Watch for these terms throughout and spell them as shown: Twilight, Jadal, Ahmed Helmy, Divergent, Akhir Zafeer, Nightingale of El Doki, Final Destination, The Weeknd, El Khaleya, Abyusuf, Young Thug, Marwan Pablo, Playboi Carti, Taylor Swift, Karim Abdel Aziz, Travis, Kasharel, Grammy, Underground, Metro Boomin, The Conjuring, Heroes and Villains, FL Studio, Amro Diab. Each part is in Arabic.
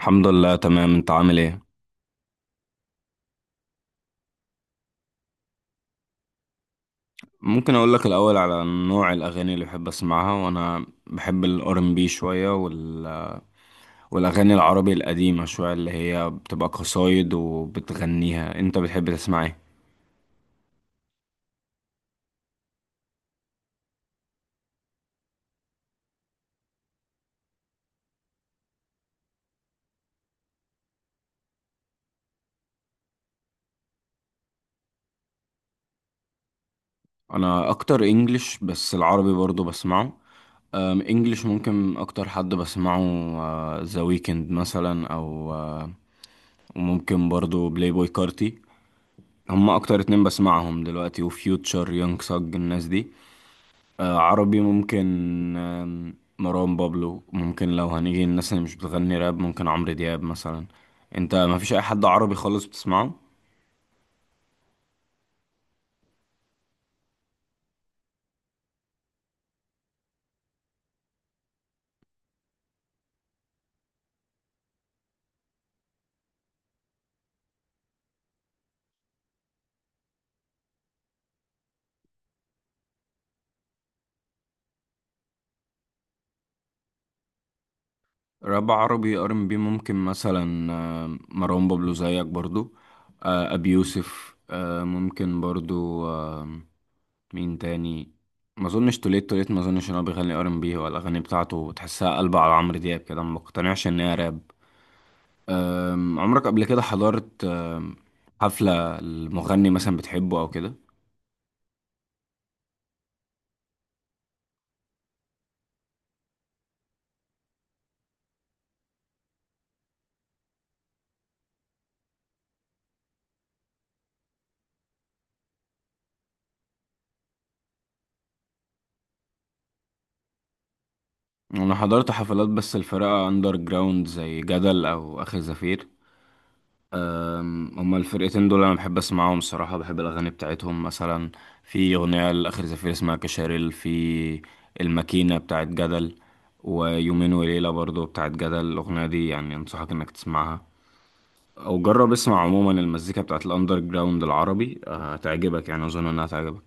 الحمد لله تمام، انت عامل ايه؟ ممكن اقول لك الاول على نوع الاغاني اللي بحب اسمعها، وانا بحب الار ام بي شويه والاغاني العربي القديمه شويه اللي هي بتبقى قصايد وبتغنيها. انت بتحب تسمع ايه؟ انا اكتر انجلش، بس العربي برضو بسمعه. انجلش ممكن اكتر حد بسمعه ذا ويكند مثلا، او وممكن برضو بلاي بوي كارتي. هما اكتر اتنين بسمعهم دلوقتي، وفيوتشر يونج ساج الناس دي. عربي ممكن. مروان بابلو ممكن، لو هنيجي الناس اللي مش بتغني راب ممكن عمرو دياب مثلا. انت ما فيش اي حد عربي خالص بتسمعه؟ راب عربي ار ام بي ممكن مثلا مروان بابلو زيك برضو، ابي يوسف، ممكن برضو. مين تاني؟ ما اظنش توليت، ما اظنش ان هو بيغني ار ام بي، ولا الاغاني بتاعته تحسها قلبه على عمرو دياب كده، ما بقتنعش ان هي راب. عمرك قبل كده حضرت حفلة المغني مثلا بتحبه أو كده؟ أنا حضرت حفلات، بس الفرقة أندر جراوند، زي جدل أو آخر زفير. هما الفرقتين دول أنا بحب أسمعهم صراحة، بحب الأغاني بتاعتهم. مثلا في أغنية لآخر زفير اسمها كشاريل، في الماكينة بتاعت جدل، ويومين وليلة برضو بتاعت جدل. الأغنية دي يعني أنصحك إنك تسمعها. أو جرب اسمع عموما المزيكا بتاعت الأندر جراوند العربي، هتعجبك، يعني أظن إنها هتعجبك.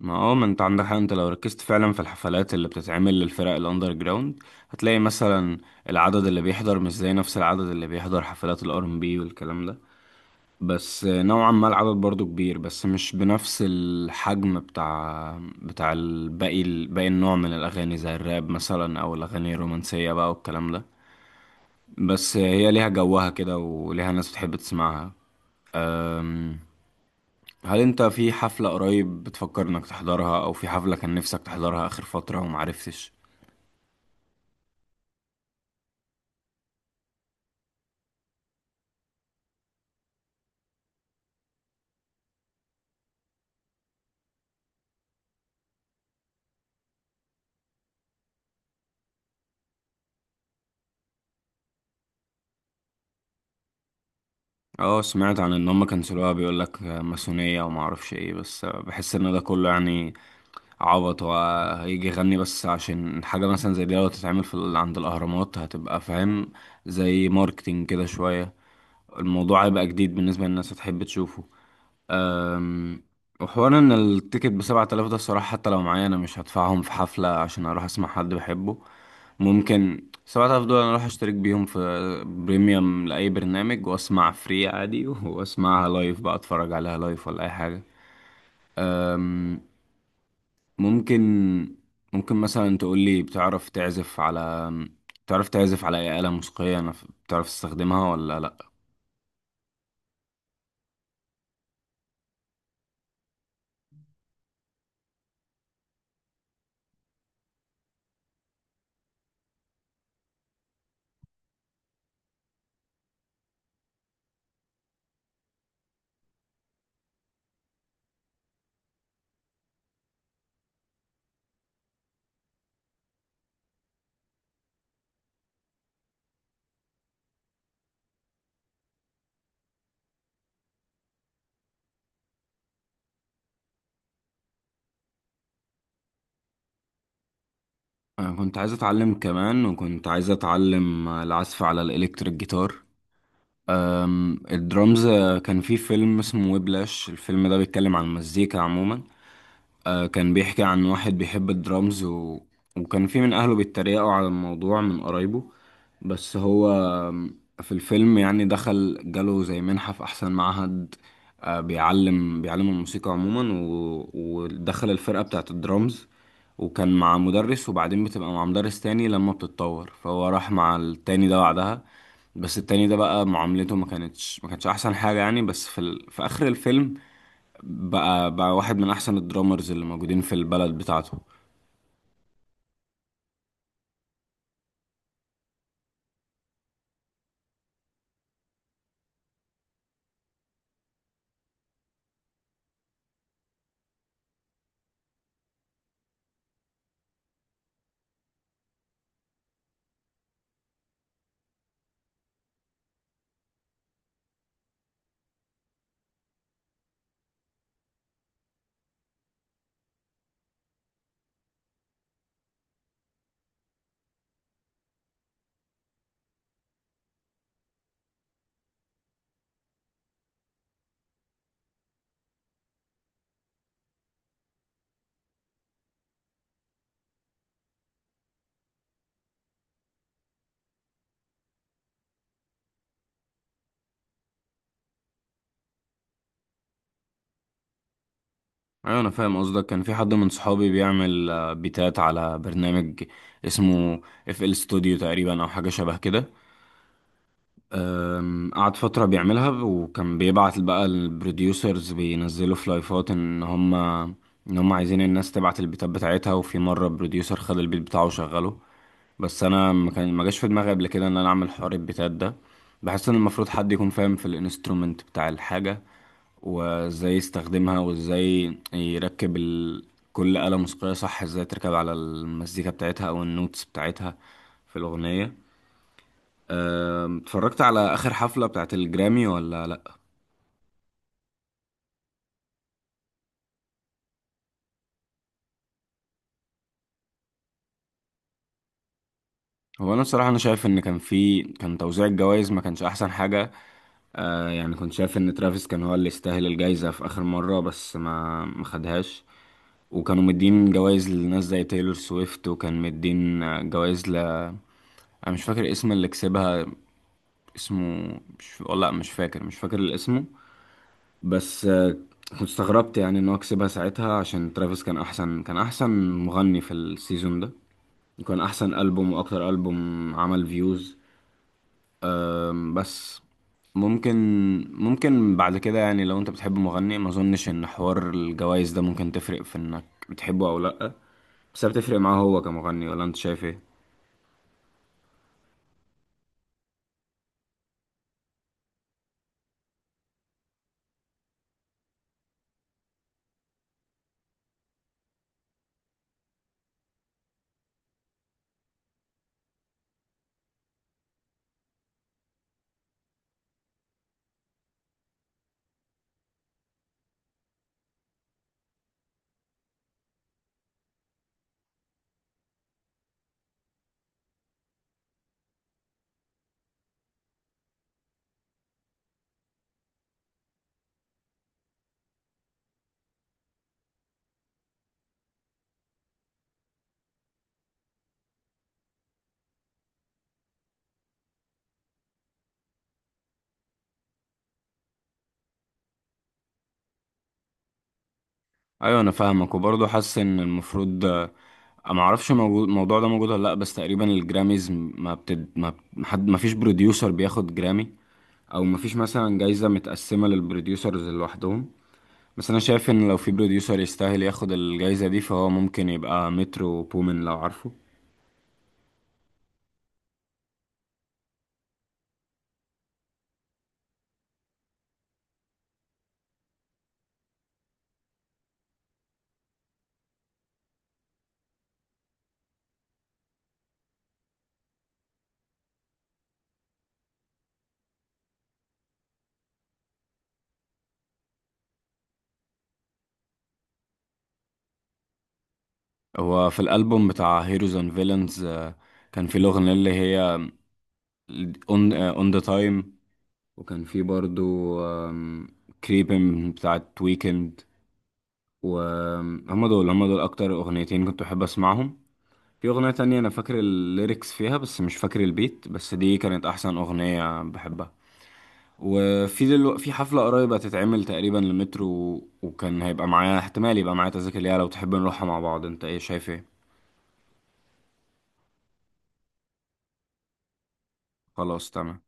ما انت عندك حق. انت لو ركزت فعلا في الحفلات اللي بتتعمل للفرق الاندر جراوند، هتلاقي مثلا العدد اللي بيحضر مش زي نفس العدد اللي بيحضر حفلات الار ام بي والكلام ده. بس نوعا ما العدد برضو كبير، بس مش بنفس الحجم بتاع الباقي، باقي النوع من الاغاني زي الراب مثلا او الاغاني الرومانسية بقى والكلام ده. بس هي ليها جوها كده وليها ناس بتحب تسمعها. هل انت في حفلة قريب بتفكر انك تحضرها، او في حفلة كان نفسك تحضرها اخر فترة ومعرفتش؟ اه، سمعت عن ان هم كنسلوها. بيقولك ماسونية ومعرفش ايه، بس بحس ان ده كله يعني عبط، وهيجي يغني بس. عشان حاجة مثلا زي دي لو تتعمل في عند الاهرامات، هتبقى فاهم، زي ماركتينج كده شوية. الموضوع هيبقى جديد بالنسبة للناس، هتحب تشوفه. أم، وحوار ان التيكت بـ7,000 ده، الصراحة حتى لو معايا انا مش هدفعهم في حفلة عشان اروح اسمع حد بحبه. ممكن سبعة آلاف دول انا اروح اشترك بيهم في بريميوم لأي برنامج واسمع فري عادي واسمعها لايف بقى، اتفرج عليها لايف ولا اي حاجة. أم، ممكن ممكن مثلا تقولي، بتعرف تعزف على اي آلة موسيقية، انا بتعرف تستخدمها ولا لا؟ انا كنت عايز اتعلم كمان، وكنت عايز اتعلم العزف على الالكتريك جيتار. الدرامز، كان في فيلم اسمه ويبلاش. الفيلم ده بيتكلم عن المزيكا عموما، كان بيحكي عن واحد بيحب الدرامز، وكان في من أهله بيتريقوا على الموضوع من قرايبه. بس هو في الفيلم يعني دخل جاله زي منحة في أحسن معهد، بيعلم الموسيقى عموما، ودخل الفرقة بتاعت الدرامز. وكان مع مدرس، وبعدين بتبقى مع مدرس تاني لما بتتطور، فهو راح مع التاني ده بعدها. بس التاني ده بقى معاملته ما كانتش أحسن حاجة يعني. بس في في آخر الفيلم، بقى واحد من احسن الدرامرز اللي موجودين في البلد بتاعته. ايوه، انا فاهم قصدك. كان في حد من صحابي بيعمل بيتات على برنامج اسمه اف ال ستوديو تقريبا، او حاجه شبه كده. قعد فتره بيعملها، وكان بيبعت بقى، البروديوسرز بينزلوا في لايفات ان هم عايزين الناس تبعت البيتات بتاعتها، وفي مره بروديوسر خد البيت بتاعه وشغله. بس انا ما جاش في دماغي قبل كده ان انا اعمل حوار البيتات ده. بحس ان المفروض حد يكون فاهم في الانسترومنت بتاع الحاجه، وازاي يستخدمها، وازاي يركب كل آلة موسيقية صح، ازاي تركب على المزيكا بتاعتها او النوتس بتاعتها في الأغنية. اتفرجت على آخر حفلة بتاعت الجرامي ولا لأ؟ هو أنا بصراحة أنا شايف إن كان توزيع الجوائز ما كانش أحسن حاجة. آه، يعني كنت شايف ان ترافيس كان هو اللي يستاهل الجايزة في اخر مرة، بس ما خدهاش. وكانوا مدين جوائز لناس زي تايلور سويفت، وكان مدين جوائز ل... انا مش فاكر اسم اللي كسبها. اسمه مش، والله مش فاكر، اسمه. بس كنت استغربت يعني ان هو كسبها ساعتها، عشان ترافيس كان احسن مغني في السيزون ده، وكان احسن البوم واكتر البوم عمل فيوز. بس ممكن ممكن بعد كده يعني، لو انت بتحب مغني ما اظنش ان حوار الجوائز ده ممكن تفرق في انك بتحبه او لا. بس هي بتفرق معاه هو كمغني، ولا انت شايف ايه؟ ايوه، انا فاهمك، وبرضه حاسس ان المفروض، ما اعرفش موجود الموضوع ده موجود ولا لا، بس تقريبا الجراميز ما بتد ما ما حد ما فيش بروديوسر بياخد جرامي، او ما فيش مثلا جايزة متقسمة للبروديوسرز لوحدهم. بس انا شايف ان لو في بروديوسر يستاهل ياخد الجايزة دي، فهو ممكن يبقى مترو بومن لو عارفه. هو في الالبوم بتاع هيروز اند فيلنز، كان في الاغنية اللي هي اون اون ذا تايم، وكان في برضه كريبن بتاعت ويكند. وهم دول اكتر اغنيتين كنت بحب اسمعهم. في اغنية تانية انا فاكر الليركس فيها بس مش فاكر البيت، بس دي كانت احسن اغنية بحبها. وفي في حفلة قريبة هتتعمل تقريبا لمترو، وكان هيبقى معايا احتمال يبقى معايا تذاكر ليها، لو تحب نروحها مع بعض. انت ايه شايف ايه؟ خلاص تمام.